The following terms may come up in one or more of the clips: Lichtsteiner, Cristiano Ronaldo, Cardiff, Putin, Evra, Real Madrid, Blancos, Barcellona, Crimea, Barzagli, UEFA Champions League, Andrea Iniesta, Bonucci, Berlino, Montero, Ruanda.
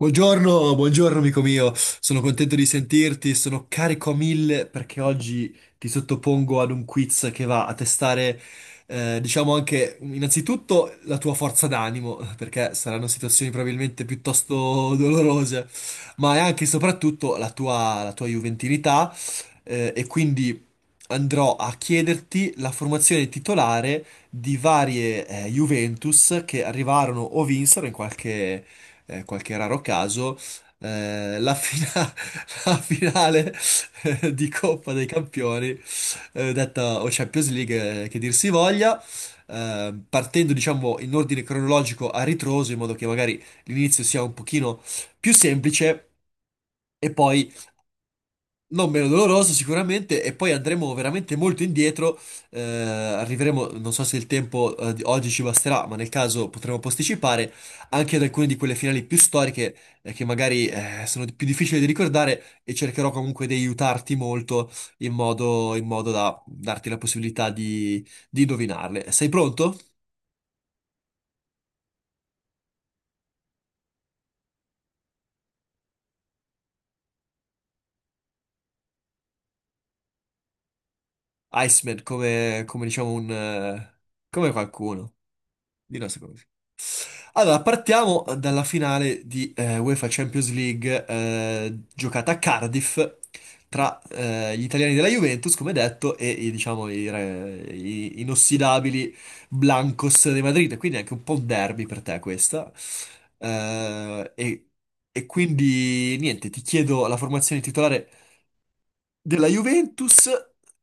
Buongiorno, buongiorno amico mio, sono contento di sentirti, sono carico a mille perché oggi ti sottopongo ad un quiz che va a testare, diciamo anche innanzitutto la tua forza d'animo, perché saranno situazioni probabilmente piuttosto dolorose, ma è anche e soprattutto la tua juventinità, e quindi andrò a chiederti la formazione titolare di varie, Juventus che arrivarono o vinsero in qualche qualche raro caso, eh, la, fina- la finale di Coppa dei Campioni, detta o Champions League, che dir si voglia, partendo diciamo in ordine cronologico a ritroso, in modo che magari l'inizio sia un pochino più semplice. E poi non meno doloroso sicuramente e poi andremo veramente molto indietro, arriveremo, non so se il tempo di oggi ci basterà, ma nel caso potremo posticipare anche ad alcune di quelle finali più storiche che magari più difficili da ricordare e cercherò comunque di aiutarti molto in modo da darti la possibilità di indovinarle. Sei pronto? Iceman, come diciamo un... come qualcuno. Di nostro. Allora, partiamo dalla finale di UEFA Champions League giocata a Cardiff tra gli italiani della Juventus, come detto, e i, diciamo, i, re- i inossidabili Blancos di Madrid. Quindi anche un po' un derby per te questa. Eh, e, e quindi niente, ti chiedo la formazione titolare della Juventus,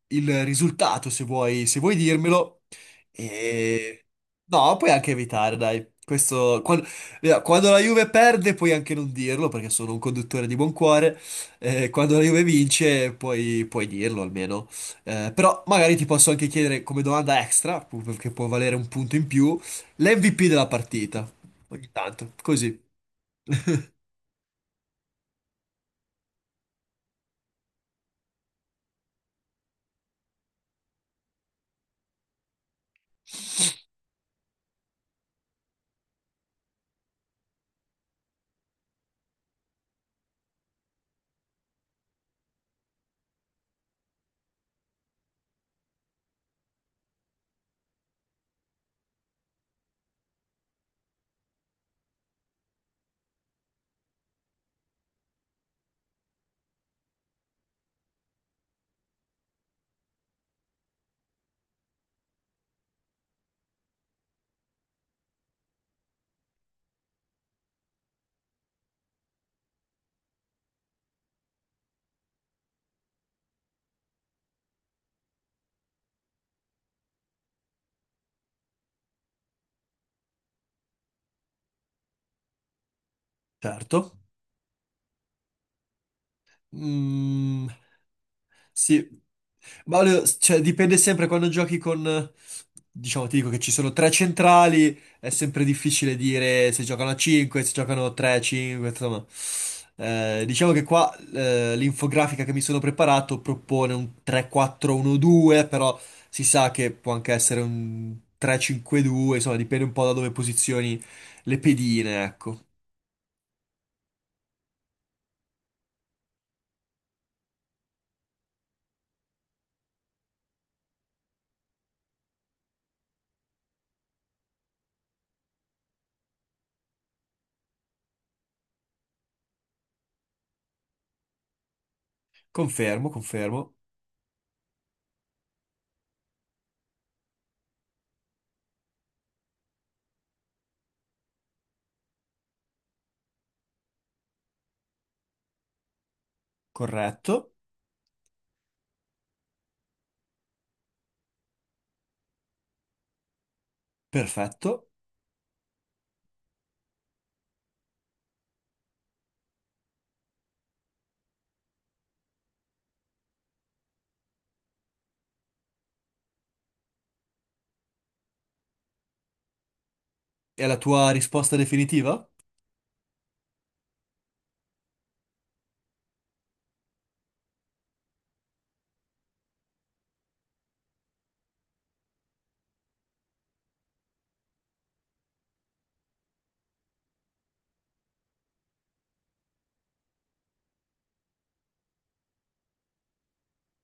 il risultato, se vuoi, se vuoi dirmelo. E... No, puoi anche evitare, dai. Via, quando, la Juve perde puoi anche non dirlo, perché sono un conduttore di buon cuore. Quando la Juve vince puoi, puoi dirlo almeno. Però magari ti posso anche chiedere come domanda extra, che può valere un punto in più, l'MVP della partita. Ogni tanto, così. Certo. Mm. Sì, ma cioè, dipende sempre quando giochi con, diciamo, ti dico che ci sono tre centrali, è sempre difficile dire se giocano a 5, se giocano 3, 5, insomma. Diciamo che qua l'infografica che mi sono preparato propone un 3-4-1-2, però si sa che può anche essere un 3-5-2, insomma, dipende un po' da dove posizioni le pedine, ecco. Confermo, confermo, corretto, perfetto. E la tua risposta definitiva?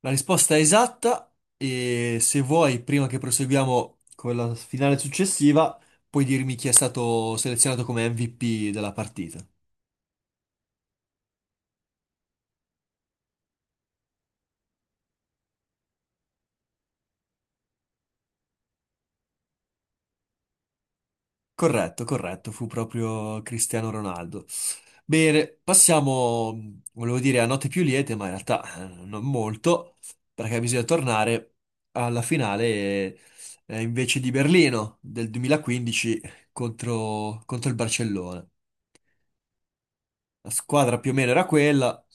La risposta è esatta e se vuoi, prima che proseguiamo con la finale successiva, puoi dirmi chi è stato selezionato come MVP della partita. Corretto, corretto, fu proprio Cristiano Ronaldo. Bene, passiamo, volevo dire, a note più liete, ma in realtà non molto, perché bisogna tornare alla finale invece di Berlino del 2015 contro il Barcellona. La squadra più o meno era quella.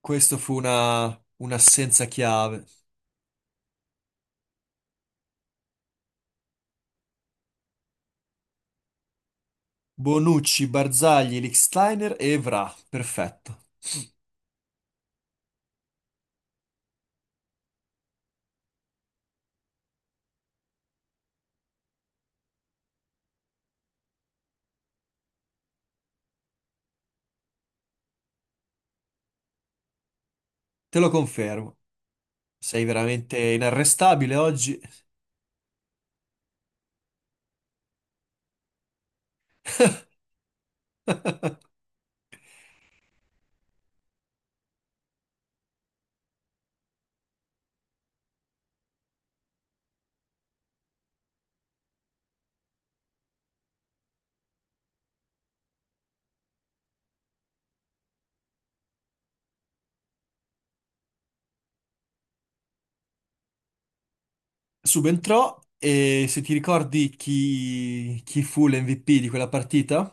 Questo fu una, un'assenza chiave. Bonucci, Barzagli, Lichtsteiner e Evra. Perfetto. Te lo confermo. Sei veramente inarrestabile oggi. Subentrò e se ti ricordi chi, chi fu l'MVP di quella partita?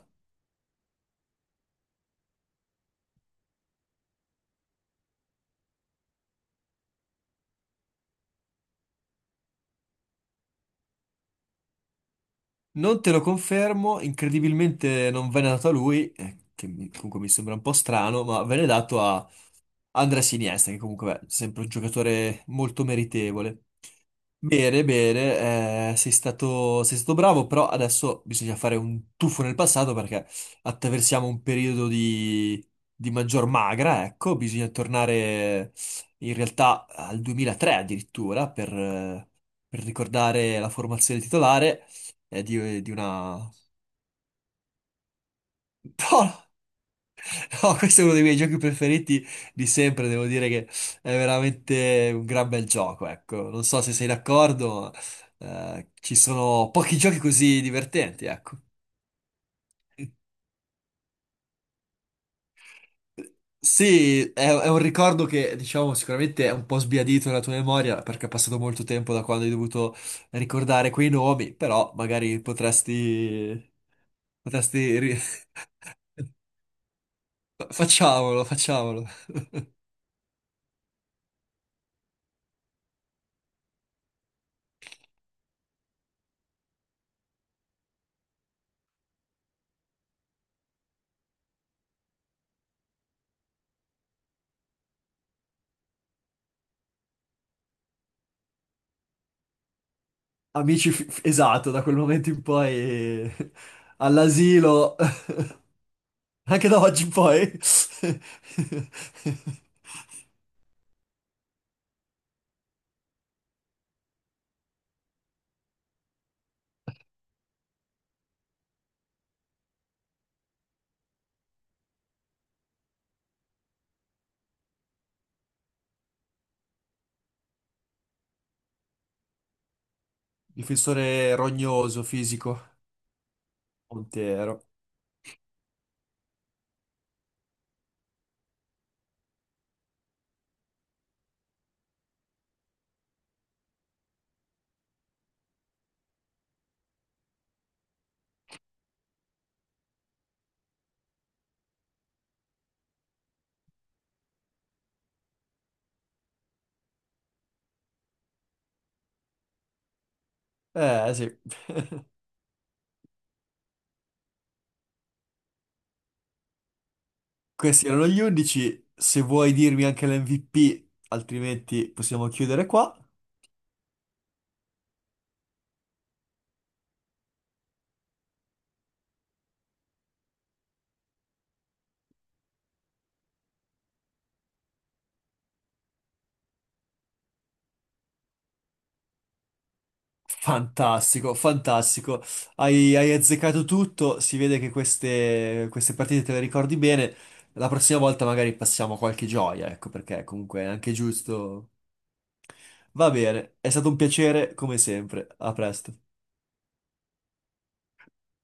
Non te lo confermo, incredibilmente non venne dato a lui, comunque mi sembra un po' strano, ma venne dato a Andrea Iniesta, che comunque è sempre un giocatore molto meritevole. Bene, bene, sei stato bravo, però adesso bisogna fare un tuffo nel passato perché attraversiamo un periodo di maggior magra, ecco, bisogna tornare in realtà al 2003 addirittura per ricordare la formazione titolare è di una... No, no, questo è uno dei miei giochi preferiti di sempre, devo dire che è veramente un gran bel gioco, ecco. Non so se sei d'accordo, ma, ci sono pochi giochi così divertenti, ecco. Sì, è un ricordo che, diciamo, sicuramente è un po' sbiadito nella tua memoria, perché è passato molto tempo da quando hai dovuto ricordare quei nomi, però magari potresti... potresti... ri- Facciamolo, facciamolo. Amici, esatto, da quel momento in poi all'asilo, anche da oggi in poi. Difensore rognoso, fisico, Montero. Eh sì, questi erano gli 11. Se vuoi dirmi anche l'MVP, altrimenti possiamo chiudere qua. Fantastico, fantastico. Hai, hai azzeccato tutto. Si vede che queste, queste partite te le ricordi bene. La prossima volta magari passiamo qualche gioia, ecco, perché comunque è anche giusto. Va bene, è stato un piacere come sempre. A presto.